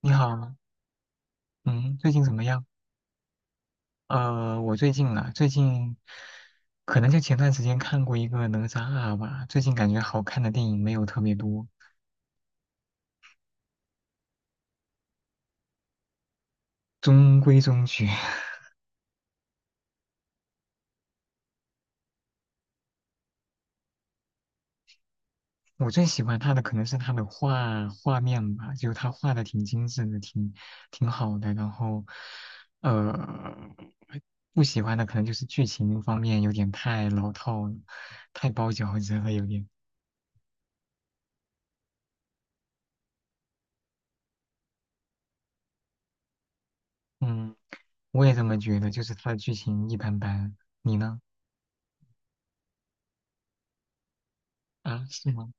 你好，嗯，最近怎么样？我最近啊，最近可能就前段时间看过一个《哪吒二》吧，最近感觉好看的电影没有特别多，中规中矩。我最喜欢他的可能是他的画面吧，就他画的挺精致的，挺好的。然后，呃，不喜欢的可能就是剧情方面有点太老套了，太包饺子了，有点。嗯，我也这么觉得，就是他的剧情一般般。你呢？啊，是吗？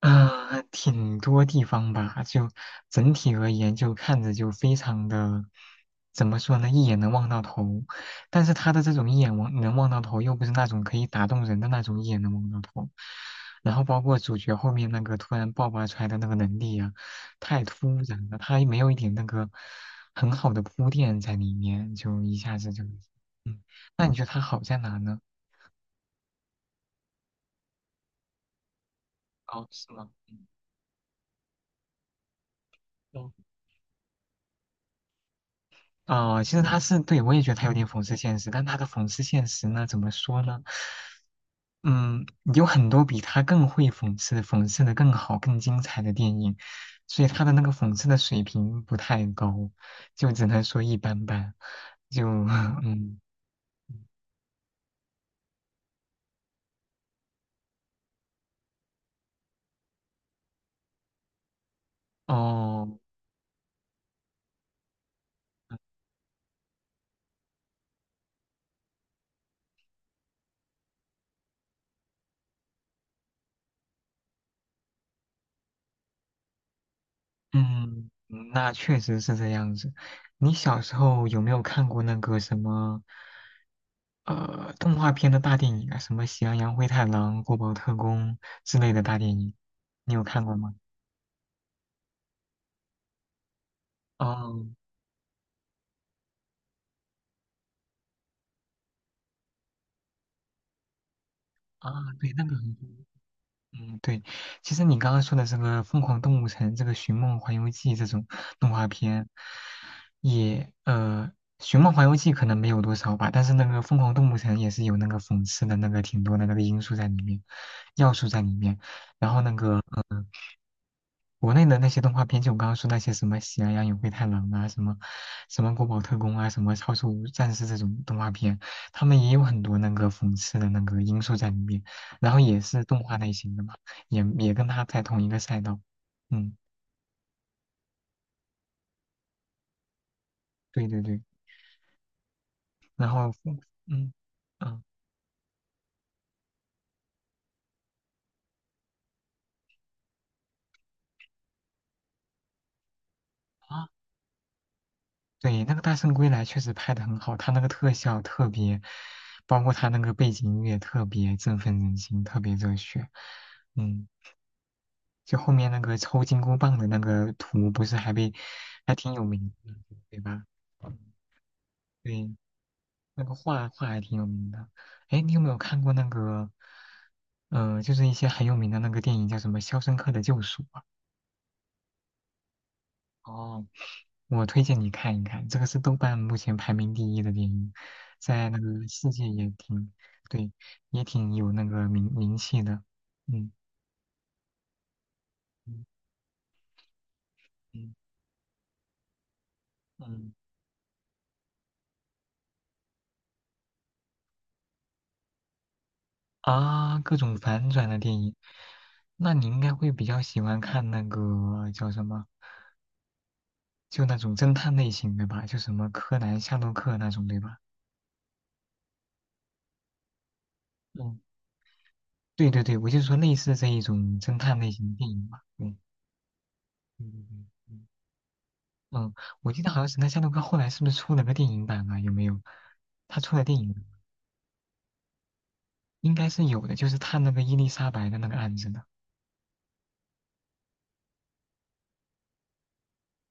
啊，挺多地方吧，就整体而言，就看着就非常的，怎么说呢，一眼能望到头。但是他的这种一眼望能望到头，又不是那种可以打动人的那种一眼能望到头。然后包括主角后面那个突然爆发出来的那个能力啊，太突然了，他也没有一点那个很好的铺垫在里面，就一下子就，嗯，那你觉得他好在哪呢？哦，是吗？嗯。哦，其实他是对我也觉得他有点讽刺现实，但他的讽刺现实呢，怎么说呢？嗯，有很多比他更会讽刺的更好、更精彩的电影，所以他的那个讽刺的水平不太高，就只能说一般般。就 嗯，哦，嗯，那确实是这样子。你小时候有没有看过那个什么？动画片的大电影啊，什么《喜羊羊灰太狼》《国宝特工》之类的大电影，你有看过吗？哦，啊，对，那个很多。嗯，对，其实你刚刚说的这个《疯狂动物城》、这个《寻梦环游记》这种动画片，也呃，《寻梦环游记》可能没有多少吧，但是那个《疯狂动物城》也是有那个讽刺的那个挺多的那个因素在里面，要素在里面，然后那个。呃国内的那些动画片，就我刚刚说那些什么《喜羊羊与灰太狼》啊，什么《国宝特工》啊，什么《超兽战士》这种动画片，他们也有很多那个讽刺的那个因素在里面，然后也是动画类型的嘛，也跟他在同一个赛道。嗯，对对对，然后嗯啊，对，那个《大圣归来》确实拍的很好，他那个特效特别，包括他那个背景音乐特别振奋人心，特别热血。嗯。就后面那个抽金箍棒的那个图，不是还被还挺有名的，对吧？对，那个画画还挺有名的。哎，你有没有看过那个？就是一些很有名的那个电影叫什么《肖申克的救赎》啊。哦，我推荐你看一看，这个是豆瓣目前排名第一的电影，在那个世界也挺，对，也挺有那个名气的。嗯嗯嗯嗯。啊，各种反转的电影，那你应该会比较喜欢看那个叫什么，就那种侦探类型的吧，就什么柯南、夏洛克那种，对吧？嗯对对对，我就说类似这一种侦探类型的电影吧。嗯嗯嗯，我记得好像是那夏洛克后来是不是出了个电影版啊？有没有？他出了电影，应该是有的，就是探那个伊丽莎白的那个案子的。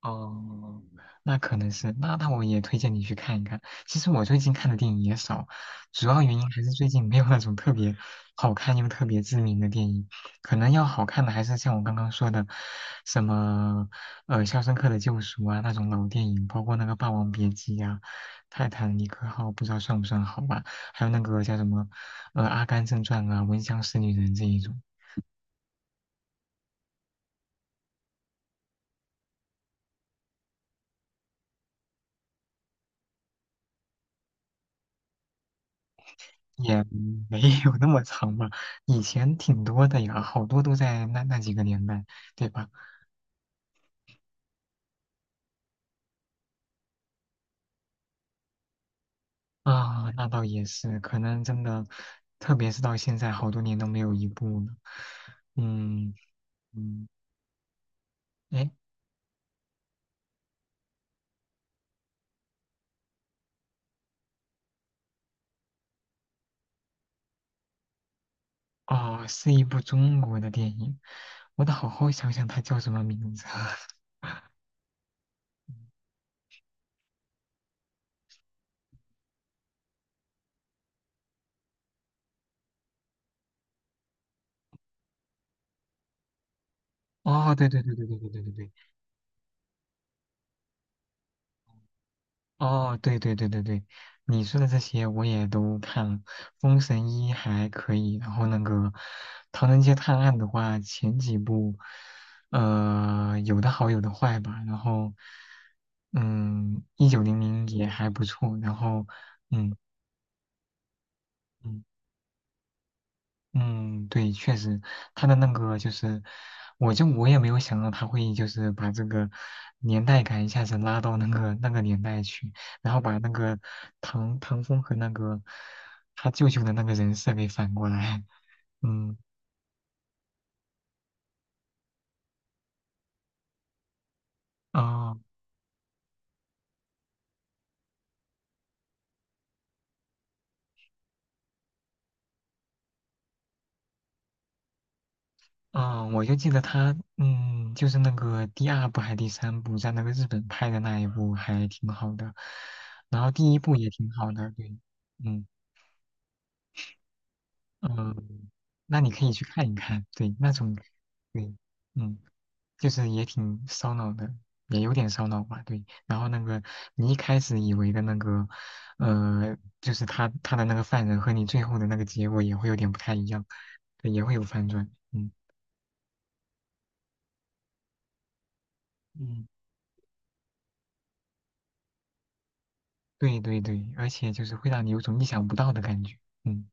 哦，那可能是，那那我也推荐你去看一看。其实我最近看的电影也少，主要原因还是最近没有那种特别好看又特别知名的电影。可能要好看的还是像我刚刚说的，什么《肖申克的救赎》啊那种老电影，包括那个《霸王别姬》呀、《泰坦尼克号》，不知道算不算好吧？还有那个叫什么《阿甘正传》啊，《闻香识女人》这一种。也 没有那么长吧，以前挺多的呀，好多都在那那几个年代，对吧？啊，那倒也是，可能真的，特别是到现在，好多年都没有一部了。嗯嗯，哎，哦，是一部中国的电影，我得好好想想它叫什么名字啊。哦，对对对对对对对对对哦，对对对对对，你说的这些我也都看了，《封神一》还可以，然后那个《唐人街探案》的话，前几部，有的好有的坏吧，然后，嗯，《一九零零》也还不错，然后，嗯嗯。嗯，对，确实，他的那个就是，我也没有想到他会就是把这个年代感一下子拉到那个那个年代去，然后把那个唐风和那个他舅舅的那个人设给反过来。嗯，啊，哦，我就记得他，嗯，就是那个第二部还是第三部，在那个日本拍的那一部还挺好的，然后第一部也挺好的，对，嗯。嗯，那你可以去看一看，对，那种，对，嗯，就是也挺烧脑的，也有点烧脑吧，对。然后那个你一开始以为的那个，就是他的那个犯人和你最后的那个结果也会有点不太一样，对，也会有反转，嗯，嗯，对对对，而且就是会让你有种意想不到的感觉，嗯。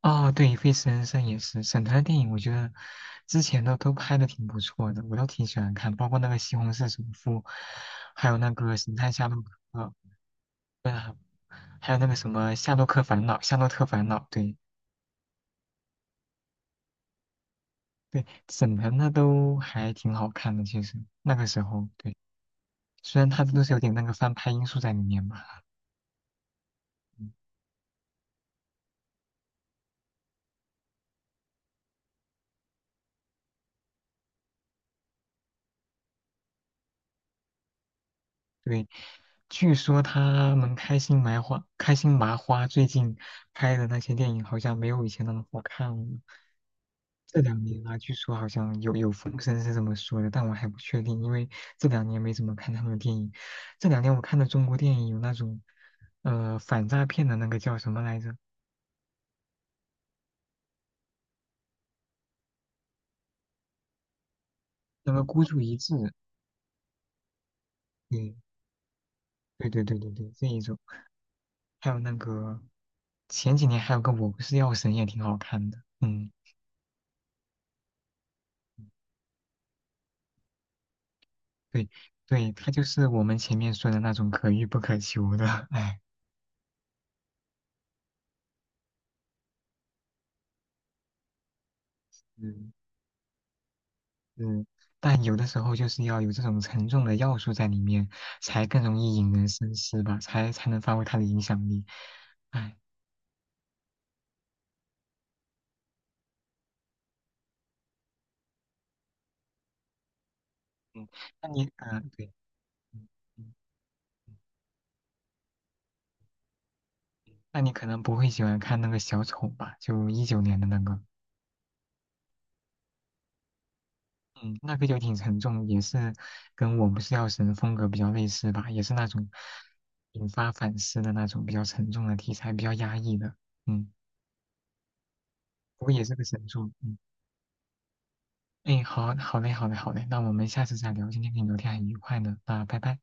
哦，对，《费斯人生》也是，沈腾的电影，我觉得之前的都拍的挺不错的，我都挺喜欢看，包括那个《西红柿首富》，还有那个《神探夏洛克》，对啊，还有那个什么《夏洛克烦恼》，《夏洛特烦恼》，对对，沈腾的都还挺好看的，其实那个时候，对，虽然他都是有点那个翻拍因素在里面吧，嗯对，据说他们开心麻花最近拍的那些电影好像没有以前那么好看了。这两年啊，据说好像有风声是这么说的，但我还不确定，因为这两年没怎么看他们的电影。这两年我看的中国电影有那种，反诈骗的那个叫什么来着？那个孤注一掷，对，对对对对对，这一种，还有那个前几年还有个我不是药神也挺好看的，嗯。对对，他就是我们前面说的那种可遇不可求的，哎，嗯，嗯，但有的时候就是要有这种沉重的要素在里面，才更容易引人深思吧，才能发挥他的影响力。哎，嗯，那你对，嗯嗯嗯那你可能不会喜欢看那个小丑吧？就一九年的那个，嗯，那个就挺沉重，也是跟我不是药神风格比较类似吧，也是那种引发反思的那种比较沉重的题材，比较压抑的，嗯。不过也是个神助。嗯，哎，好好嘞，好嘞，好嘞，那我们下次再聊。今天跟你聊天很愉快呢，那拜拜。